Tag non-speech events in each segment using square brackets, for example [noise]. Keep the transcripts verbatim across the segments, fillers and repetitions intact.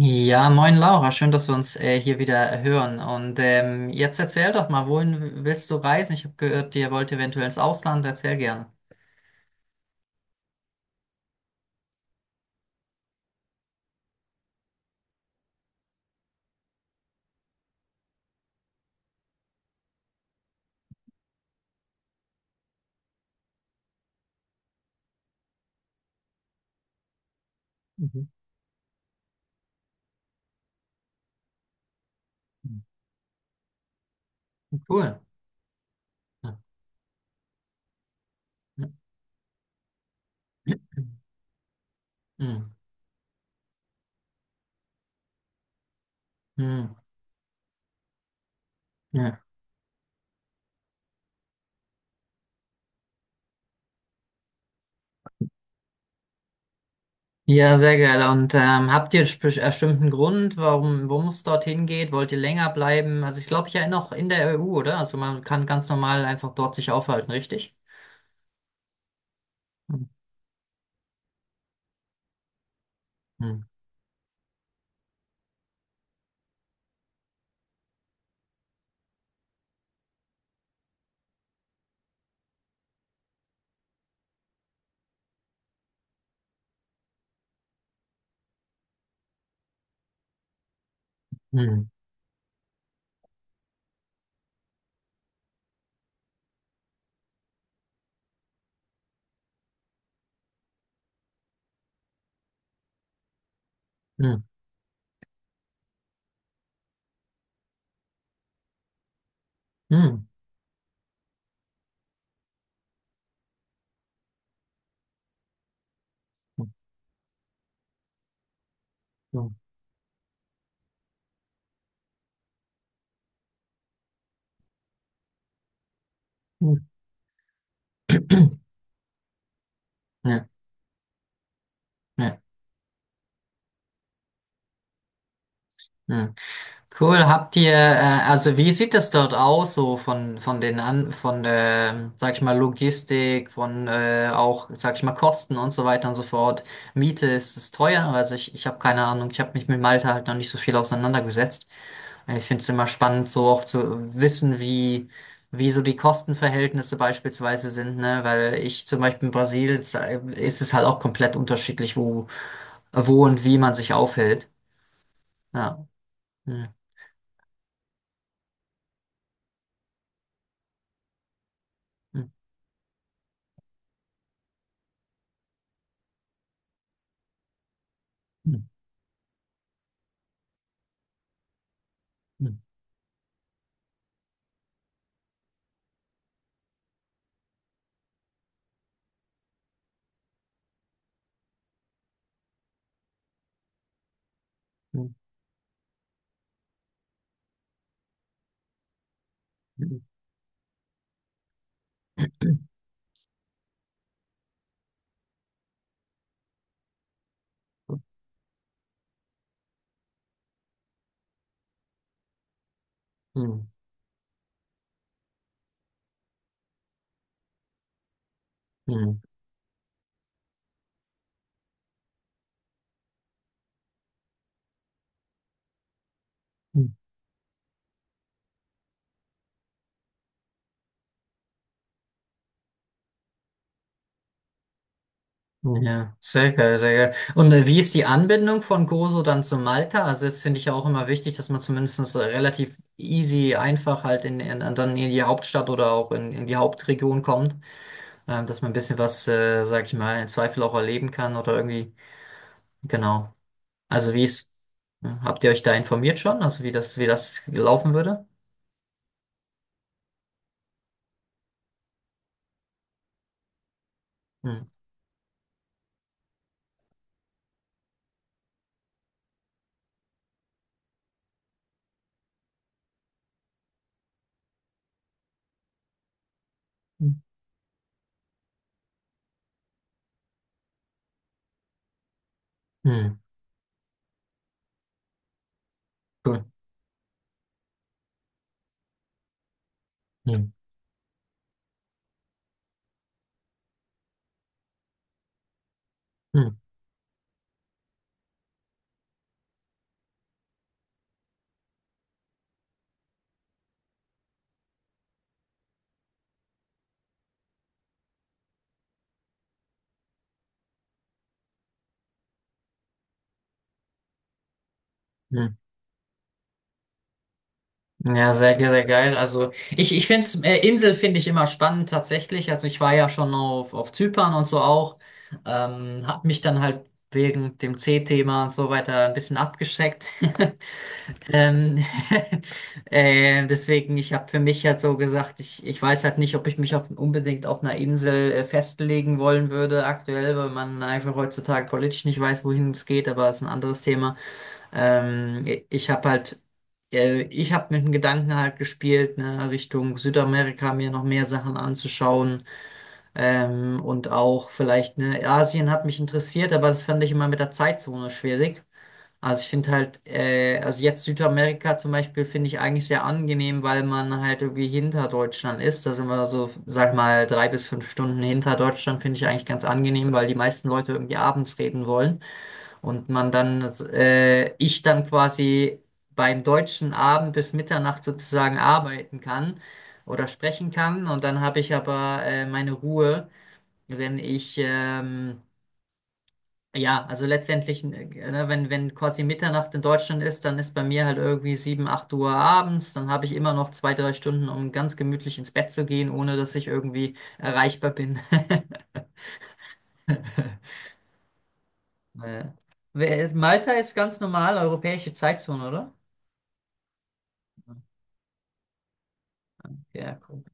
Ja, moin Laura, schön, dass wir uns äh, hier wieder hören. Und ähm, jetzt erzähl doch mal, wohin willst du reisen? Ich habe gehört, ihr wollt eventuell ins Ausland. Erzähl gerne. Mhm. Cool. Mhm. Mhm. Ja, ja, sehr geil. Und ähm, habt ihr einen bestimmten Grund, warum, worum es dorthin geht? Wollt ihr länger bleiben? Also ich glaube ja noch in der E U, oder? Also man kann ganz normal einfach dort sich aufhalten, richtig? Mhm. Mhm. Mhm. Mhm. Mhm. Ja, ja, ja. Cool, habt ihr, äh, also wie sieht das dort aus, so von, von den an, von der, sag ich mal, Logistik, von äh, auch, sag ich mal, Kosten und so weiter und so fort. Miete, ist es teuer? Also ich, ich habe keine Ahnung, ich habe mich mit Malta halt noch nicht so viel auseinandergesetzt. Ich finde es immer spannend, so auch zu wissen, wie, wie so die Kostenverhältnisse beispielsweise sind, ne? Weil ich zum Beispiel in Brasilien äh, ist es halt auch komplett unterschiedlich, wo, wo und wie man sich aufhält. Ja. Hm. Hm. Hm. Hm. Hm, hm, hm, hm. Ja, sehr geil, sehr geil. Und äh, wie ist die Anbindung von Gozo dann zu Malta? Also das finde ich ja auch immer wichtig, dass man zumindest äh, relativ easy, einfach halt in, in, dann in die Hauptstadt oder auch in, in die Hauptregion kommt, ähm, dass man ein bisschen was, äh, sag ich mal, im Zweifel auch erleben kann oder irgendwie, genau. Also wie ist, hm, habt ihr euch da informiert schon? Also wie das, wie das laufen würde? Hm. Hm. Cool. Hm. Hm. Hm. Hm. Ja, sehr, ge- sehr geil. Also ich, ich finde es, äh, Insel finde ich immer spannend tatsächlich. Also ich war ja schon auf, auf Zypern und so auch. Ähm, hab mich dann halt wegen dem C-Thema und so weiter ein bisschen abgeschreckt. [laughs] Ähm, [laughs] äh, deswegen, ich habe für mich halt so gesagt, ich, ich weiß halt nicht, ob ich mich auf, unbedingt auf einer Insel äh, festlegen wollen würde aktuell, weil man einfach heutzutage politisch nicht weiß, wohin es geht, aber es ist ein anderes Thema. Ähm, ich habe halt, äh, Ich habe mit dem Gedanken halt gespielt, ne, Richtung Südamerika mir noch mehr Sachen anzuschauen. Ähm, und auch vielleicht, ne, Asien hat mich interessiert, aber das fand ich immer mit der Zeitzone schwierig. Also ich finde halt, äh, also jetzt Südamerika zum Beispiel finde ich eigentlich sehr angenehm, weil man halt irgendwie hinter Deutschland ist. Da sind wir so, sag mal, drei bis fünf Stunden hinter Deutschland, finde ich eigentlich ganz angenehm, weil die meisten Leute irgendwie abends reden wollen. Und man dann, äh, ich dann quasi beim deutschen Abend bis Mitternacht sozusagen arbeiten kann oder sprechen kann. Und dann habe ich aber äh, meine Ruhe, wenn ich, ähm, ja, also letztendlich, äh, ne, wenn, wenn quasi Mitternacht in Deutschland ist, dann ist bei mir halt irgendwie sieben acht Uhr abends. Dann habe ich immer noch zwei, drei Stunden, um ganz gemütlich ins Bett zu gehen, ohne dass ich irgendwie erreichbar bin. [laughs] Äh, wer- Malta ist ganz normal europäische Zeitzone, oder? Okay, ja, gut.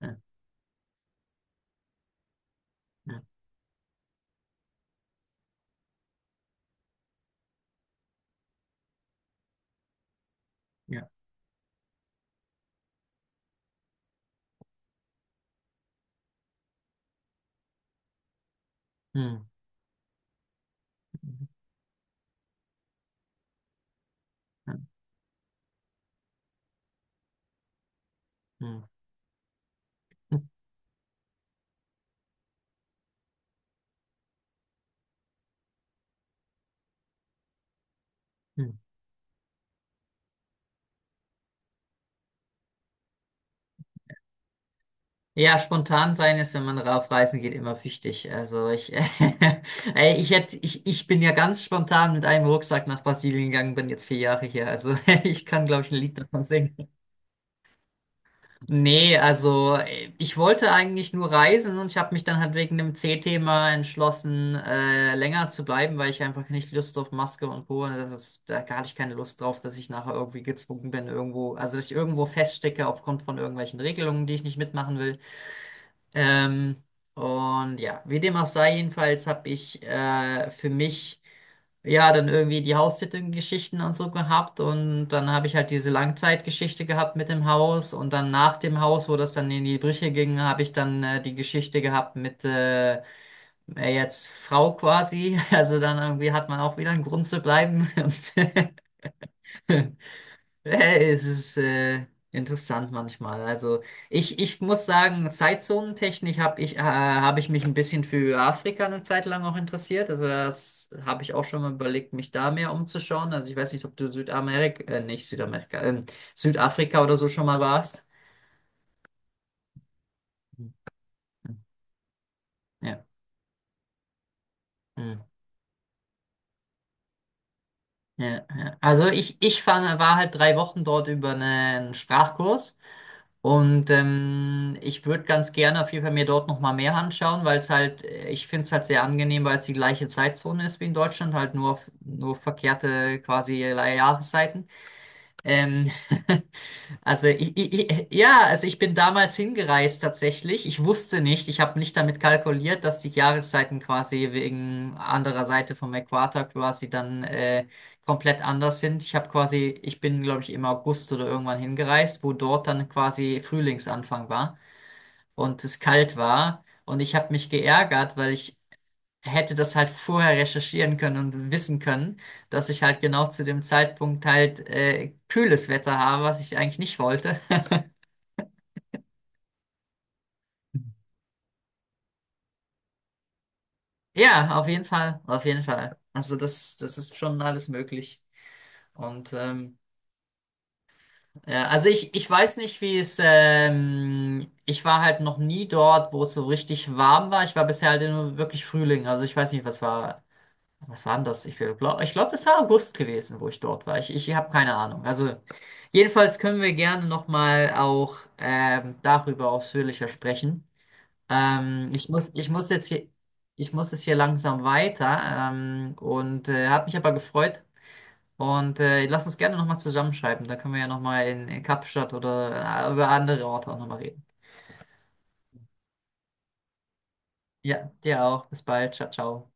Ja, ja, ja. Hm. Hm. Hm. Hm. Hm. Hm. Ja, spontan sein ist, wenn man auf Reisen geht, immer wichtig. Also ich, [laughs] ey, ich hätte, ich, ich bin ja ganz spontan mit einem Rucksack nach Brasilien gegangen, bin jetzt vier Jahre hier. Also [laughs] ich kann, glaube ich, ein Lied davon singen. Nee, also äh, ich wollte eigentlich nur reisen und ich habe mich dann halt wegen dem C-Thema entschlossen, äh, länger zu bleiben, weil ich einfach nicht Lust auf Maske und Co. Das ist, da hatte ich keine Lust drauf, dass ich nachher irgendwie gezwungen bin, irgendwo, also dass ich irgendwo feststecke aufgrund von irgendwelchen Regelungen, die ich nicht mitmachen will. Ähm, und ja, wie dem auch sei, jedenfalls habe ich äh, für mich ja, dann irgendwie die Haustitelgeschichten und so gehabt und dann habe ich halt diese Langzeitgeschichte gehabt mit dem Haus und dann nach dem Haus, wo das dann in die Brüche ging, habe ich dann äh, die Geschichte gehabt mit äh, äh, jetzt Frau quasi. [laughs] Also dann irgendwie hat man auch wieder einen Grund zu bleiben [laughs] und [laughs] Äh, Es ist äh, interessant manchmal. Also ich, ich muss sagen, Zeitzonentechnik habe ich, äh, hab ich mich ein bisschen für Afrika eine Zeit lang auch interessiert. Also das habe ich auch schon mal überlegt, mich da mehr umzuschauen. Also ich weiß nicht, ob du Südamerika, äh, nicht Südamerika, ähm, Südafrika oder so schon mal warst. Mhm. Ja. Mhm. Ja, ja. Also ich, ich fand, war halt drei Wochen dort über einen Sprachkurs. Und ähm, ich würde ganz gerne auf jeden Fall mir dort nochmal mehr anschauen, weil es halt, äh, ich finde es halt sehr angenehm, weil es die gleiche Zeitzone ist wie in Deutschland, halt nur, auf- nur verkehrte quasi äh, Jahreszeiten. Ähm, [laughs] Also ich, ich, ich- ja, also ich bin damals hingereist tatsächlich. Ich wusste nicht, ich habe nicht damit kalkuliert, dass die Jahreszeiten quasi wegen anderer Seite vom Äquator quasi dann äh, komplett anders sind. Ich habe quasi, ich bin glaube ich im August oder irgendwann hingereist, wo dort dann quasi Frühlingsanfang war und es kalt war. Und ich habe mich geärgert, weil ich hätte das halt vorher recherchieren können und wissen können, dass ich halt genau zu dem Zeitpunkt halt äh, kühles Wetter habe, was ich eigentlich nicht wollte. Ja, auf jeden Fall, auf jeden Fall. Also das, das ist schon alles möglich. Und ähm, ja, also ich, ich weiß nicht, wie es, ähm, ich war halt noch nie dort, wo es so richtig warm war. Ich war bisher halt nur wirklich Frühling. Also ich weiß nicht, was war, was war denn das? Ich glaube, ich glaub, das war August gewesen, wo ich dort war. Ich, ich habe keine Ahnung. Also jedenfalls können wir gerne nochmal auch ähm, darüber ausführlicher sprechen. Ähm, ich muss, ich muss jetzt hier, ich muss es hier langsam weiter. Ähm, und äh, hat mich aber gefreut. Und äh, lass uns gerne nochmal zusammenschreiben. Da können wir ja nochmal in, in Kapstadt oder äh, über andere Orte auch nochmal reden. Ja, dir auch. Bis bald. Ciao, ciao.